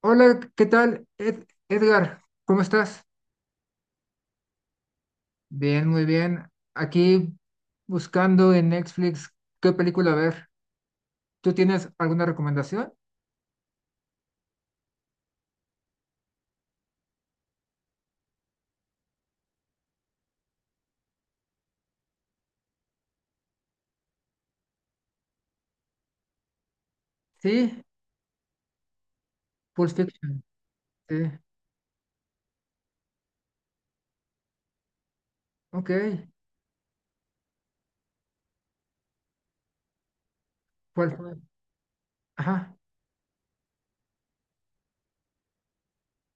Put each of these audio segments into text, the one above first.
Hola, ¿qué tal? Edgar, ¿cómo estás? Bien, muy bien. Aquí buscando en Netflix qué película ver. ¿Tú tienes alguna recomendación? Sí, Pulp Fiction. Sí, ok. ¿Cuál fue? Ajá.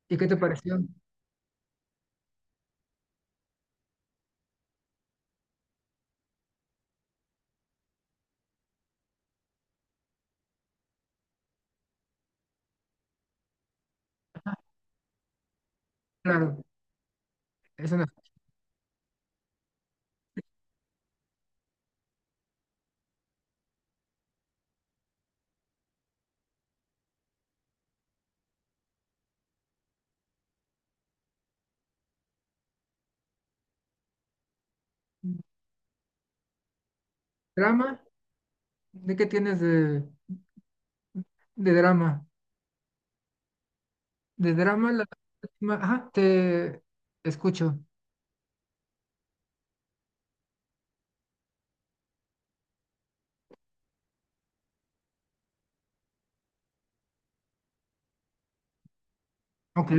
¿Y qué te pareció? Claro, es una drama. ¿De qué tienes de drama? De drama, la última. Ajá, te escucho. Ok.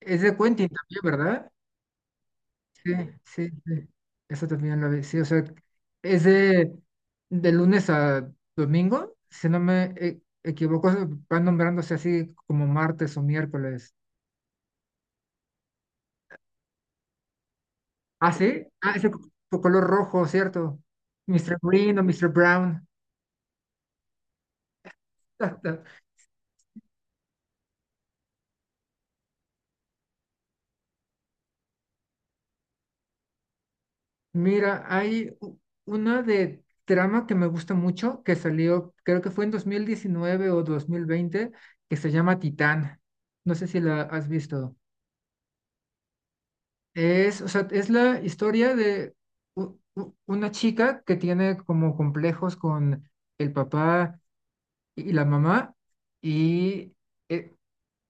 Es de Quentin también, ¿verdad? Sí, sí, sí. Eso también lo vi. Sí, o sea, es de lunes a domingo, si no me equivoco, se van nombrándose así como martes o miércoles. Ah, sí. Ah, ese color rojo, ¿cierto? Mr. Green o Mr. Brown. Mira, una de trama que me gusta mucho que salió, creo que fue en 2019 o 2020, que se llama Titán. No sé si la has visto. Es, o sea, es la historia de una chica que tiene como complejos con el papá y la mamá y eh,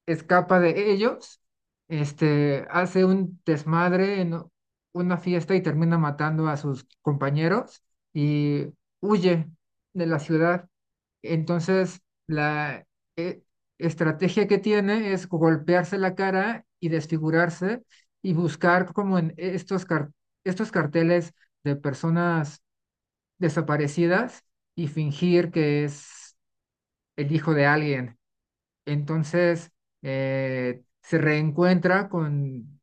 escapa de ellos, este, hace un desmadre en una fiesta y termina matando a sus compañeros y huye de la ciudad. Entonces, la eh, estrategia que tiene es golpearse la cara y desfigurarse y buscar como en estos carteles de personas desaparecidas y fingir que es el hijo de alguien. Entonces, se reencuentra con,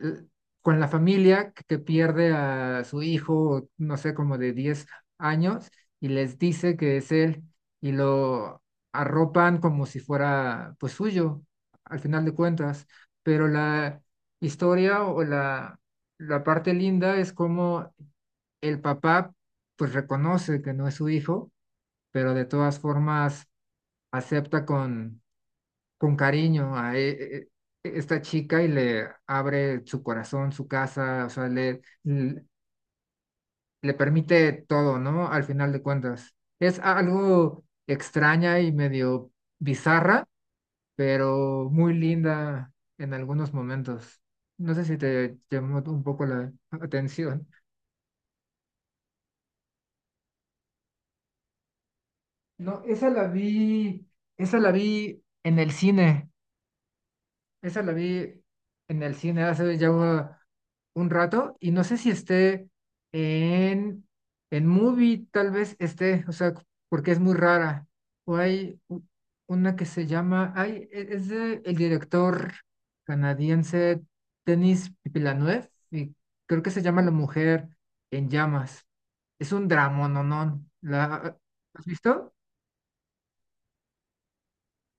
eh, con la familia que pierde a su hijo, no sé, como de 10 años, y les dice que es él, y lo arropan como si fuera pues suyo, al final de cuentas. Pero la historia o la parte linda es como el papá pues reconoce que no es su hijo, pero de todas formas acepta con cariño a esta chica y le abre su corazón, su casa, o sea, le permite todo, ¿no? Al final de cuentas. Es algo extraña y medio bizarra, pero muy linda en algunos momentos. No sé si te llamó un poco la atención. No, esa la vi en el cine. Esa la vi en el cine hace ya un rato y no sé si esté en, en Movie, tal vez esté, o sea, porque es muy rara. O una que se llama, ay, es de el director canadiense Denis Villeneuve y creo que se llama La Mujer en Llamas. Es un drama, no, no. ¿La has visto?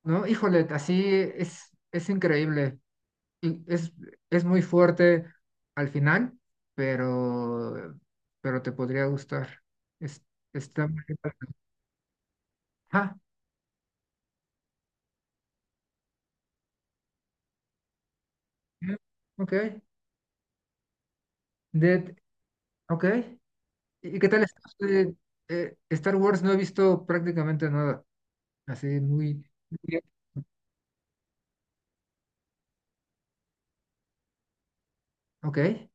No, híjole, así es increíble y es muy fuerte al final, pero, pero te podría gustar. Es- Está muy... Ah, mm, ok. Dead, ok. ¿Y qué tal Star Wars no he visto prácticamente nada. Así muy... muy... Ok.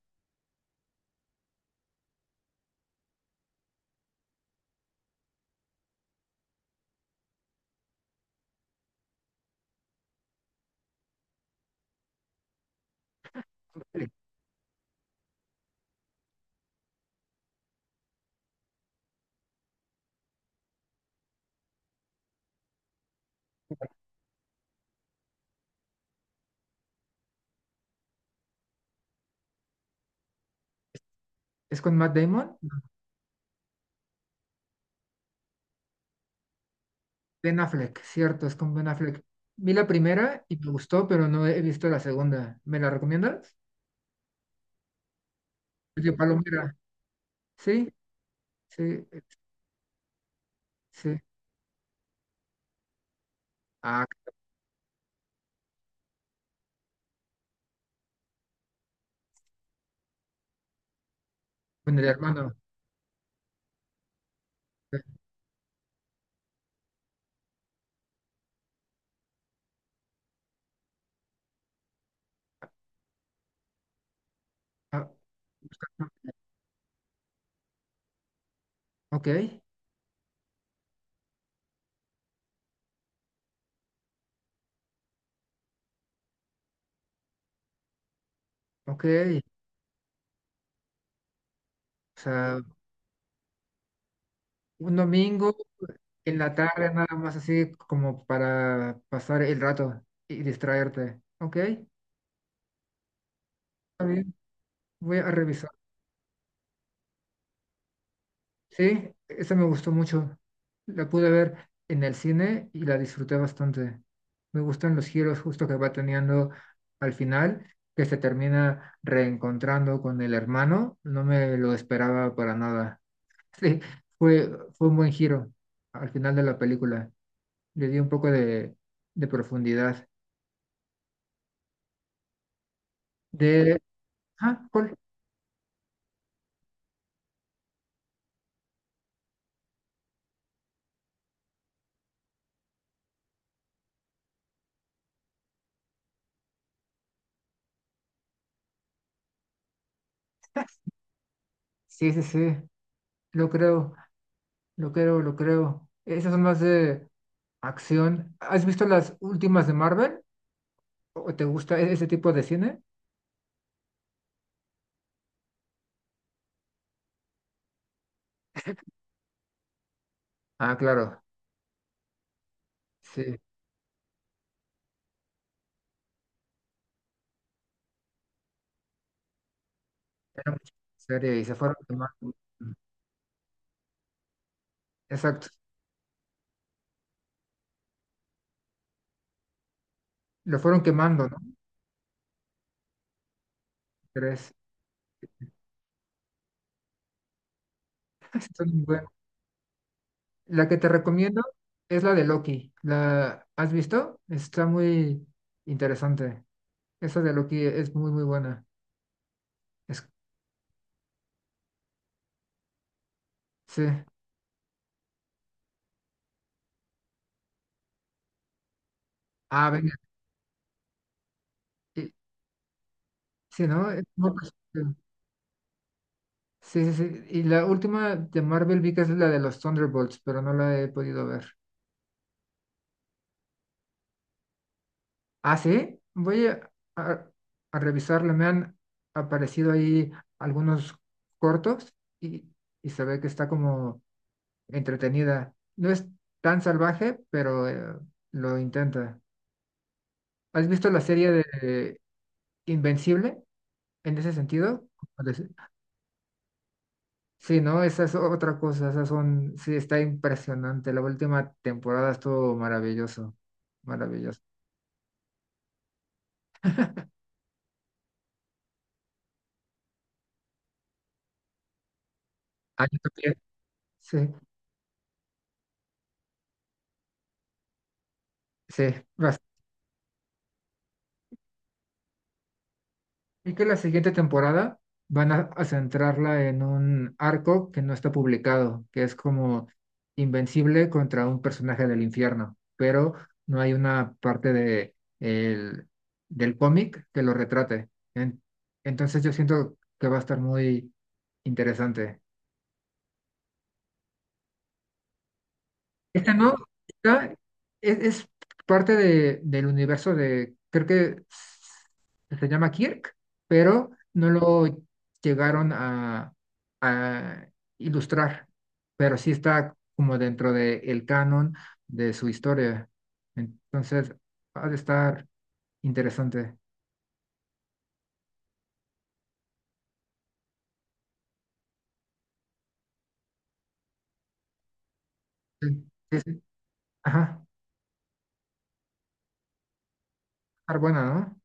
Vale. ¿Es con Matt Damon? Ben Affleck, cierto, es con Ben Affleck. Vi la primera y me gustó, pero no he visto la segunda. ¿Me la recomiendas? Es de Palomera. Sí, sí, sí. Ah, con el hermano. Eh, ah, ok, ok. O sea, un domingo en la tarde nada más así como para pasar el rato y distraerte. Ok, está bien, voy a revisar. Sí, esa me gustó mucho. La pude ver en el cine y la disfruté bastante. Me gustan los giros justo que va teniendo al final, que se termina reencontrando con el hermano. No me lo esperaba para nada. Sí, fue un buen giro al final de la película. Le dio un poco de profundidad. De, ah, Paul. Sí, sí, sí. Lo creo, lo creo, lo creo. Esas son más de acción. ¿Has visto las últimas de Marvel? ¿O te gusta ese tipo de cine? Ah, claro. Sí. Era mucha serie y se fueron quemando. Exacto. Lo fueron quemando, ¿no? Tres. Son buenos. La que te recomiendo es la de Loki. ¿La has visto? Está muy interesante. Esa de Loki es muy, muy buena. Es- sí. Ah, venga. Y sí, ¿no? Es muy reciente. Sí, sí, sí. Y la última de Marvel vi que es la de los Thunderbolts, pero no la he podido ver. Ah, sí. Voy a, a revisarla. Me han aparecido ahí algunos cortos y, y se ve que está como entretenida. No es tan salvaje, pero lo intenta. ¿Has visto la serie de Invencible en ese sentido? Pues, sí, no, esa es otra cosa, esas son, sí, está impresionante. La última temporada estuvo maravilloso, maravilloso. Ah, yo también. Sí, sí, y que la siguiente temporada van a centrarla en un arco que no está publicado, que es como Invencible contra un personaje del infierno, pero no hay una parte del cómic que lo retrate. Entonces yo siento que va a estar muy interesante. Esta no, esta es parte de, del universo de, creo que se llama Kirk, pero no lo llegaron a ilustrar, pero sí está como dentro del canon de su historia. Entonces, ha de estar interesante. Sí, sí, sí. Ajá, estar buena, ¿no?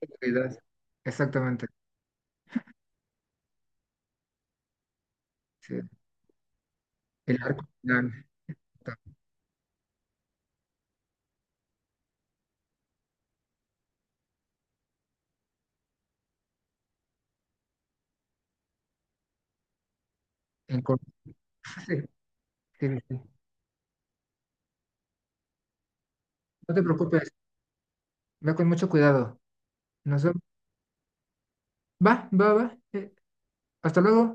Seguridad. Exactamente. Sí. El arco final. Está en... sí, sí, sí. No te preocupes. Ve con mucho cuidado. Nos vemos. Va, va, va. Hasta luego.